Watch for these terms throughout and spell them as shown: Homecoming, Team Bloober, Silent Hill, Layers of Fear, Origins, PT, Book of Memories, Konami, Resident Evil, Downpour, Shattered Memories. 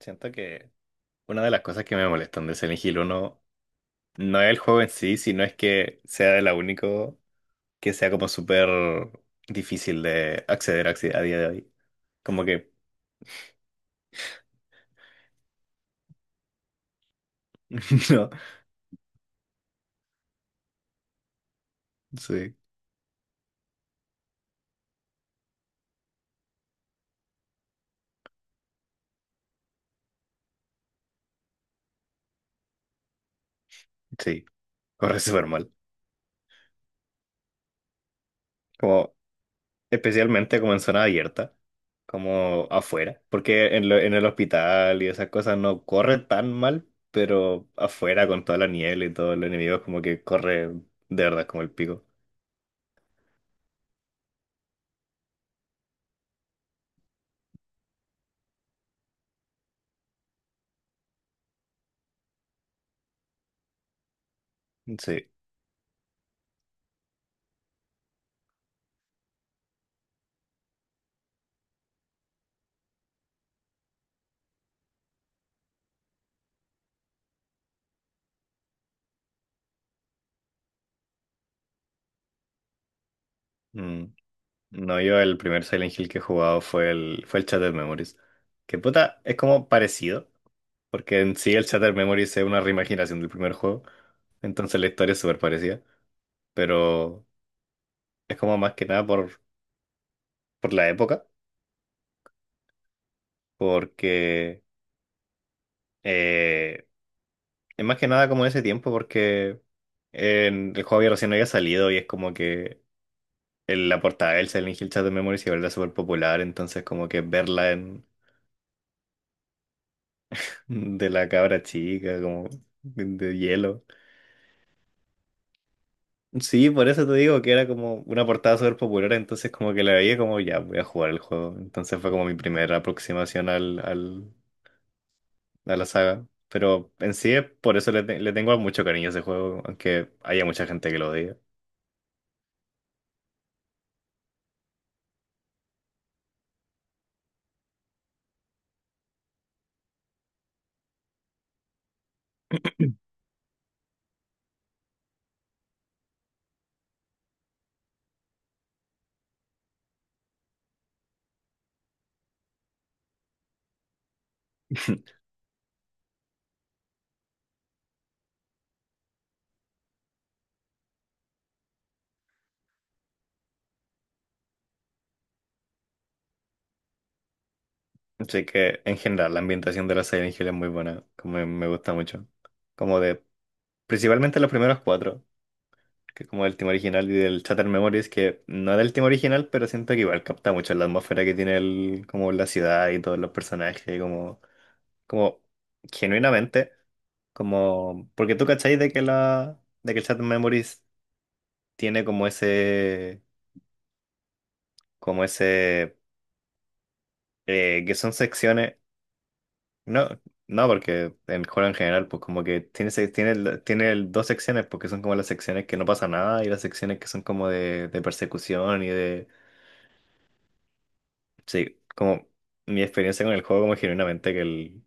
Siento que una de las cosas que me molestan de Silent Hill 1 no es el juego en sí, sino es que sea el único que sea como súper difícil de acceder a día de hoy. Como que, no, sí, sí, corre súper mal. Como, especialmente como en zona abierta, como afuera, porque en el hospital y esas cosas no corre tan mal, pero afuera con toda la niebla y todos los enemigos como que corre de verdad como el pico. Sí. Mm. No, yo el primer Silent Hill que he jugado fue el Shattered Memories. Que puta, es como parecido, porque en sí el Shattered Memories es una reimaginación del primer juego, entonces la historia es súper parecida, pero es como más que nada por la época, porque eh, es más que nada como ese tiempo, porque el juego había recién había salido y es como que la portada del Silent Hill Shattered Memories igual era súper popular, entonces como que verla en, de la cabra chica, como de hielo. Sí, por eso te digo que era como una portada súper popular, entonces como que la veía como ya voy a jugar el juego. Entonces fue como mi primera aproximación a la saga. Pero en sí, es por eso le tengo mucho cariño a ese juego, aunque haya mucha gente que lo odia. Así que en general la ambientación de la Silent Hill es muy buena, como me gusta mucho. Como de, principalmente los primeros cuatro, que es como el tema original y del Shattered Memories, que no es el tema original, pero siento que igual capta mucho la atmósfera que tiene el, como la ciudad y todos los personajes, como, como genuinamente, como, porque tú cachai de que el Shattered Memories tiene como ese, como ese, que son secciones, no, no, porque en juego en general, pues como que tiene, se- tiene, la- tiene el- dos secciones, porque son como las secciones que no pasa nada y las secciones que son como de persecución y de. Sí, como mi experiencia con el juego, como genuinamente que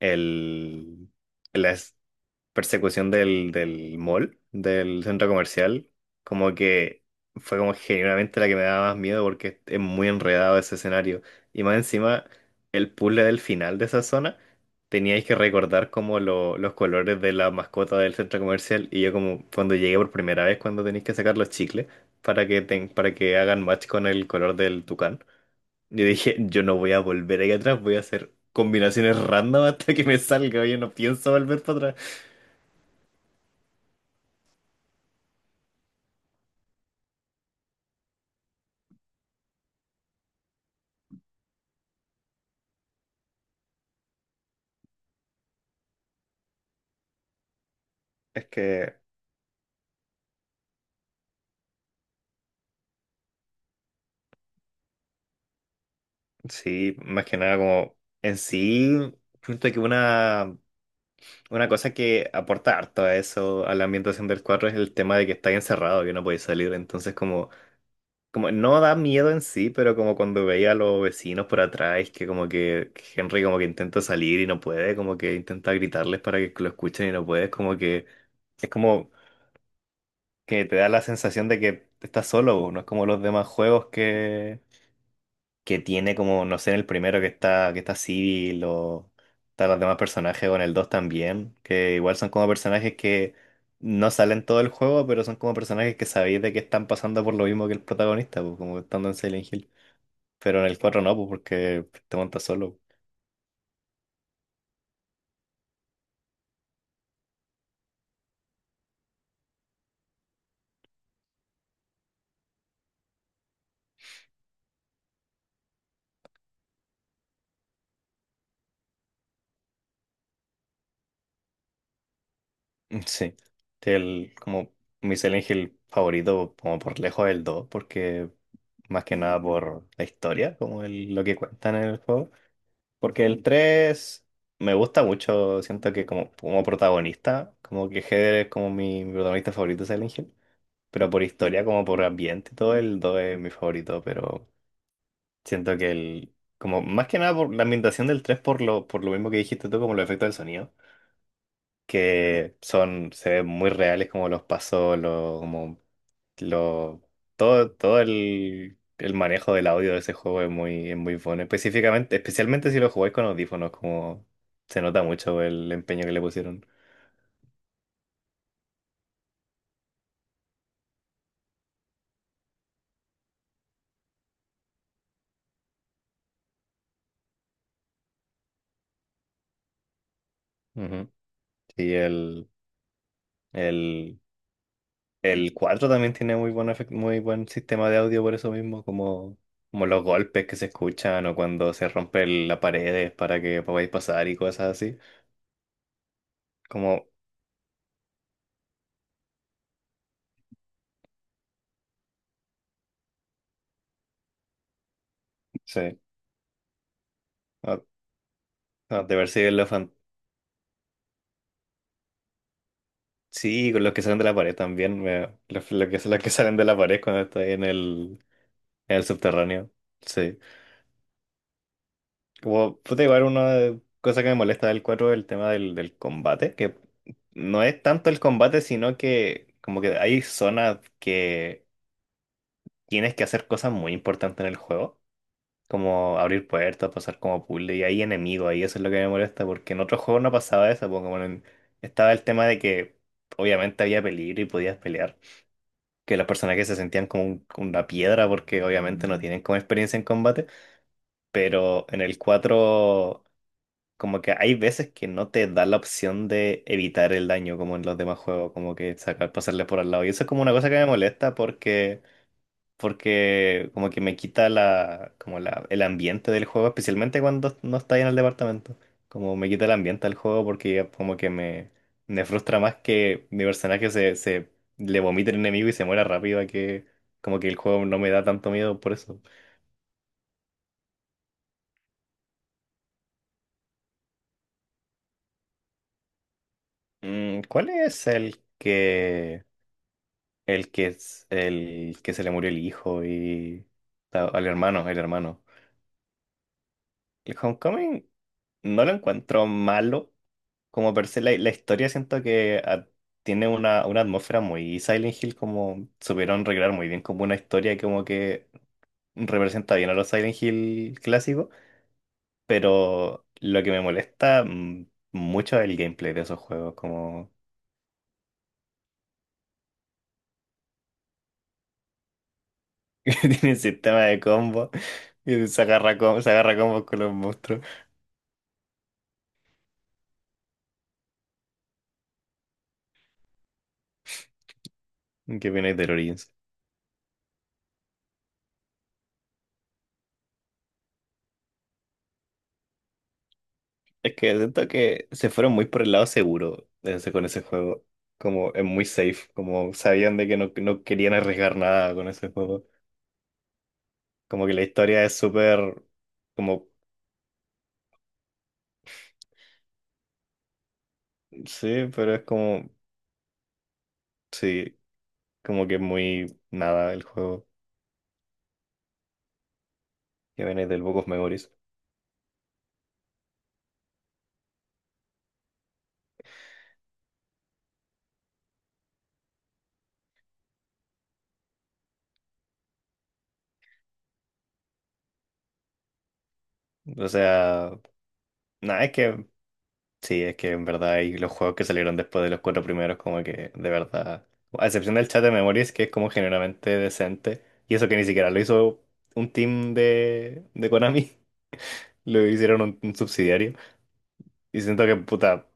el, la persecución del mall, del centro comercial, como que fue como genuinamente la que me daba más miedo porque es muy enredado ese escenario. Y más encima, el puzzle del final de esa zona, teníais que recordar como los colores de la mascota del centro comercial. Y yo como cuando llegué por primera vez, cuando tenéis que sacar los chicles para que hagan match con el color del tucán. Yo dije, yo no voy a volver ahí atrás, voy a hacer combinaciones random hasta que me salga. Yo no pienso volver para atrás. Es que, sí, más que nada como en sí, siento que una cosa que aporta harto a eso, a la ambientación del cuadro, es el tema de que estáis encerrado, que no podéis salir. Entonces como no da miedo en sí, pero como cuando veía a los vecinos por atrás, que como que Henry como que intenta salir y no puede, como que intenta gritarles para que lo escuchen y no puede, es como que... Es como que te da la sensación de que estás solo, po, no es como los demás juegos que tiene como, no sé, en el primero que está, Civil o están los demás personajes o en el 2 también, que igual son como personajes que no salen todo el juego, pero son como personajes que sabéis de que están pasando por lo mismo que el protagonista, po, como estando en Silent Hill. Pero en el cuatro no, pues porque te montas solo. Sí. El, como mi Silent Hill favorito, como por lejos el 2 porque más que nada por la historia, como lo que cuentan en el juego. Porque el 3 me gusta mucho, siento que como, como protagonista, como que Heather es como mi protagonista favorito de Silent Hill, pero por historia, como por ambiente y todo, el 2 es mi favorito, pero siento que el, como más que nada por la ambientación del 3 por lo mismo que dijiste tú, como los efectos del sonido que son, se ven muy reales como los pasos, lo, como lo, todo el manejo del audio de ese juego es muy bueno. Específicamente, especialmente si lo jugáis con audífonos, como se nota mucho el empeño que le pusieron. Ujú. Y el, el 4 también tiene muy buen sistema de audio por eso mismo, como los golpes que se escuchan o cuando se rompe la pared para que podáis pasar y cosas así. Como, sí. Ah, de ver si sí, con los que salen de la pared también. Los que salen de la pared cuando está ahí en el subterráneo. Sí. Como, puta, igual una cosa que me molesta del 4 es el tema del combate. Que no es tanto el combate, sino que como que hay zonas que tienes que hacer cosas muy importantes en el juego. Como abrir puertas, pasar como puzzle. Y hay enemigos ahí, eso es lo que me molesta. Porque en otros juegos no pasaba eso. Porque, bueno, estaba el tema de que obviamente había peligro y podías pelear, que los personajes se sentían como como una piedra porque obviamente no tienen como experiencia en combate, pero en el 4 como que hay veces que no te da la opción de evitar el daño como en los demás juegos, como que sacar, pasarle por al lado. Y eso es como una cosa que me molesta porque como que me quita la, como la, el ambiente del juego, especialmente cuando no está ahí en el departamento. Como me quita el ambiente del juego porque ya como que me frustra más que mi personaje se le vomite el enemigo y se muera rápido a que como que el juego no me da tanto miedo por eso. Mm, ¿cuál es el que es el que se le murió el hijo y al hermano? El Homecoming no lo encuentro malo como per se la historia siento que tiene una atmósfera muy Silent Hill, como supieron recrear muy bien como una historia que como que representa bien a los Silent Hill clásicos, pero lo que me molesta mucho es el gameplay de esos juegos, como que tienen sistema de combo y se agarra combos con los monstruos. ¿Qué viene de Origins? Es que siento que se fueron muy por el lado seguro con ese juego. Como es muy safe, como sabían de que no querían arriesgar nada con ese juego. Como que la historia es súper, como, sí, pero es como, sí, como que es muy nada el juego que viene del Book of Memories. O sea, nada, es que sí, es que en verdad y los juegos que salieron después de los cuatro primeros, como que de verdad, a excepción del chat de Memories, que es como generalmente decente, y eso que ni siquiera lo hizo un team de Konami, lo hicieron un subsidiario, y siento que puta,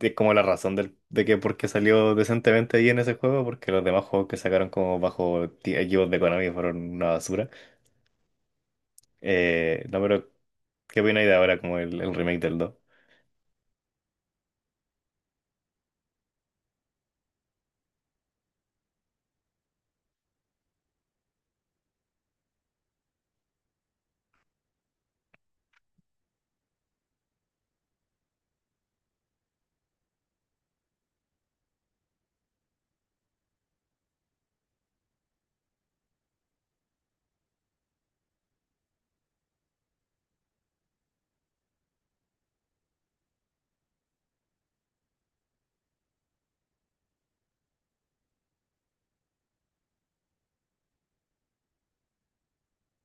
es como la razón del, de que por qué salió decentemente ahí en ese juego, porque los demás juegos que sacaron como bajo equipos de Konami fueron una basura. No, pero ¿qué opináis de ahora como el remake del dos?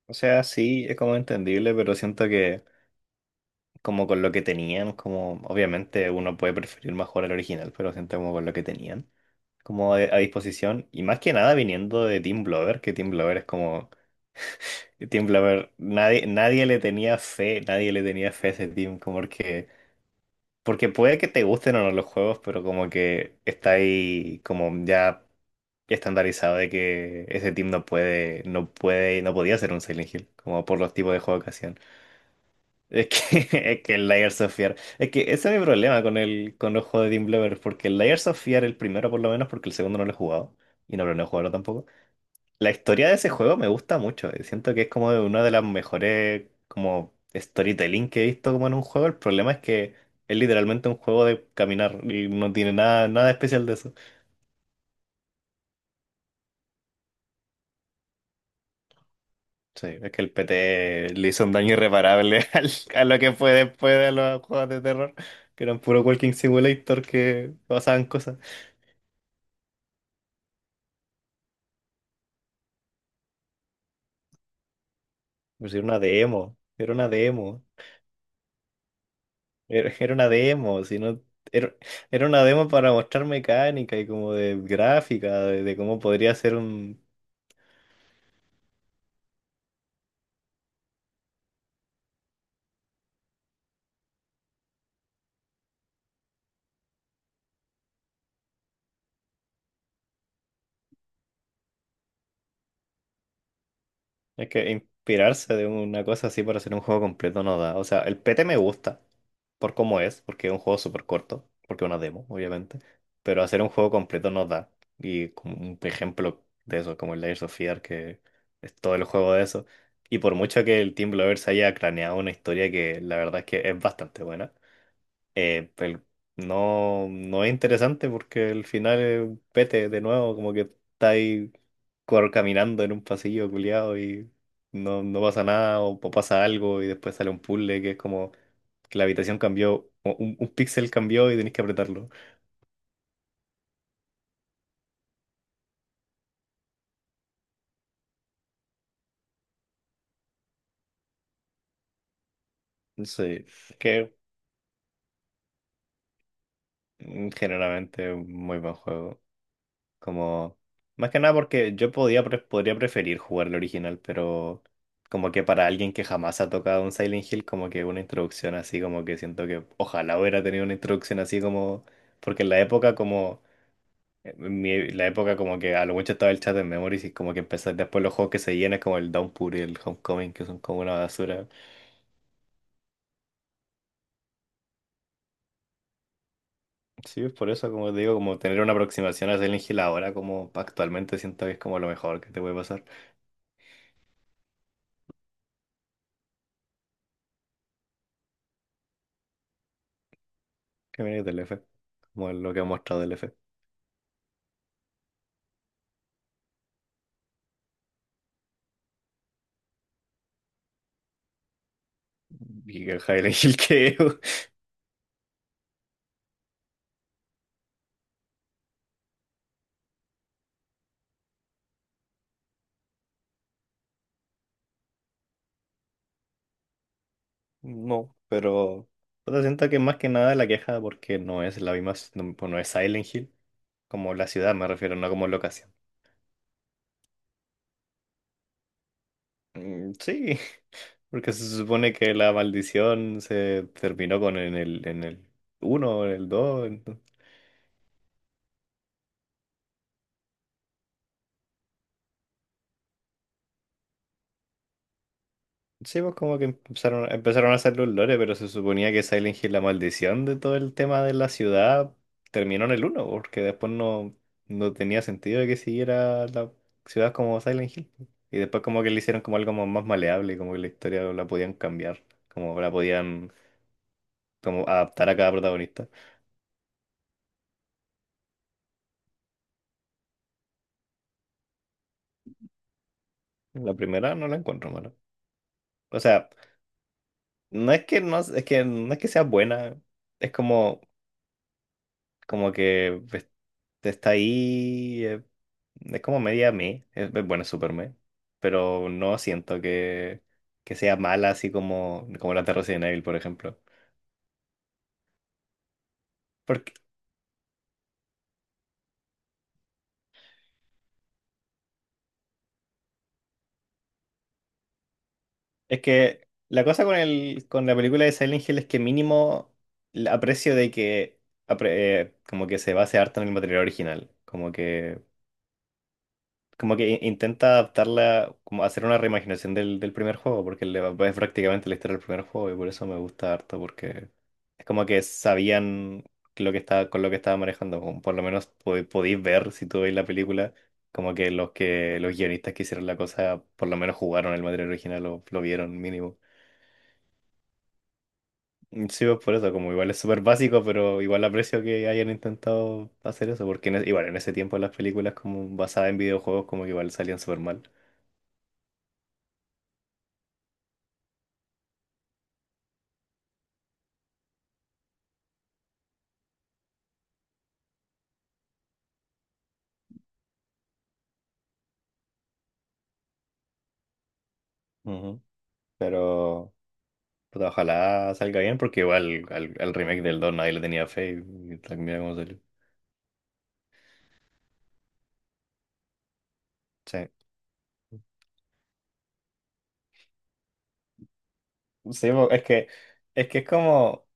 O sea, sí, es como entendible, pero siento que como con lo que tenían, como obviamente uno puede preferir mejor el original, pero siento como con lo que tenían, como a disposición. Y más que nada viniendo de Team Blover, que Team Blover es como... Team Blover, nadie, nadie le tenía fe, nadie le tenía fe a ese team, como porque, puede que te gusten o no los juegos, pero como que está ahí como ya estandarizado de que ese team no podía ser un Silent Hill, como por los tipos de juegos que hacían. Es que, es que el Layers of Fear. Es que ese es mi problema con el con los juegos de Team Bloober, porque el Layers of Fear, el primero por lo menos, porque el segundo no lo he jugado. Y no planeo jugarlo tampoco. La historia de ese juego me gusta mucho. Siento que es como una de las mejores como storytelling que he visto como en un juego. El problema es que es literalmente un juego de caminar y no tiene nada, nada especial de eso. Sí, es que el PT le hizo un daño irreparable al- a lo que fue después de los juegos de terror, que eran puro Walking Simulator que pasaban cosas. Pues era una demo, era una demo, era, era una demo, si no, era, era una demo para mostrar mecánica y como de gráfica, de cómo podría ser un, es que inspirarse de una cosa así para hacer un juego completo no da. O sea, el PT me gusta por cómo es, porque es un juego súper corto, porque es una demo, obviamente. Pero hacer un juego completo no da. Y como un ejemplo de eso, como el Layers of Fear, que es todo el juego de eso. Y por mucho que el Team Blovers haya craneado una historia que la verdad es que es bastante buena, eh, el- no, no es interesante porque el final es pete de nuevo, como que está ahí cor- caminando en un pasillo culiado y no, no pasa nada o, o pasa algo y después sale un puzzle que es como que la habitación cambió, o un píxel cambió y tenés que apretarlo. Sí, que generalmente es un muy buen juego. Como, más que nada porque yo podía, pre- podría preferir jugar el original, pero como que para alguien que jamás ha tocado un Silent Hill, como que una introducción así, como que siento que ojalá hubiera tenido una introducción así como, porque en la época como, en mi- la época como que a lo mucho estaba el chat en Memories y como que empecé después los juegos que se llenan como el Downpour y el Homecoming, que son como una basura. Sí, es por eso, como te digo, como tener una aproximación a Silent Hill ahora, como actualmente siento que es como lo mejor que te puede pasar. Que viene del F, como lo que ha mostrado el F. Y el Hill que no, pero puta, siento que más que nada la queja porque no es la misma, no, pues no es Silent Hill, como la ciudad me refiero, no como locación. Mm, sí, porque se supone que la maldición se terminó con en el uno en el dos. Sí, pues como que empezaron a hacer los lore, pero se suponía que Silent Hill, la maldición de todo el tema de la ciudad, terminó en el uno porque después no, no tenía sentido de que siguiera la ciudad como Silent Hill. Y después como que le hicieron como algo como más maleable, como que la historia la podían cambiar, como la podían como adaptar a cada protagonista. La primera no la encuentro mala. O sea, es que no es que sea buena, es como. Como que pues, está ahí, es como media me, es- bueno, es super me, pero no siento que sea mala así como, como las de Resident Evil, por ejemplo. Porque Es que la cosa con, con la película de Silent Hill es que mínimo la aprecio de que apre- como que se base harto en el material original, como que in- intenta adaptarla, como hacer una reimaginación del, del primer juego, porque le, es prácticamente la historia del primer juego y por eso me gusta harto, porque es como que sabían lo que estaba, con lo que estaba manejando, como por lo menos po- podéis ver si tú veis la película, como que los guionistas que hicieron la cosa por lo menos jugaron el material original o lo vieron mínimo. Mm, sí, pues por eso, como igual es súper básico, pero igual aprecio que hayan intentado hacer eso, porque en, e- igual en ese tiempo las películas como basadas en videojuegos como que igual salían súper mal. Pero puta, ojalá salga bien porque igual al, al remake del 2 nadie le tenía fe y tal, mira cómo salió. Sí. Sí, bo- es que es que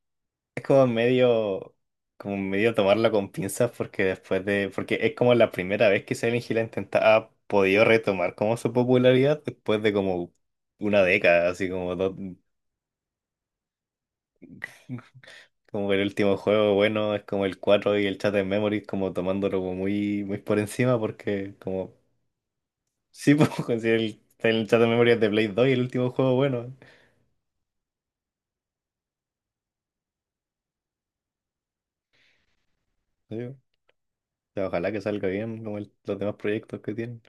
es como medio tomarlo con pinzas porque después de porque es como la primera vez que Silent Hill ha intenta- ha podido retomar como su popularidad después de como una década, así como dos, como el último juego bueno es como el 4 y el Chat en Memories como tomándolo como muy muy por encima porque como sí, pues conseguí el chat de memoria de Blade 2 y el último juego bueno. Sí. O sea, ojalá que salga bien como el- los demás proyectos que tiene.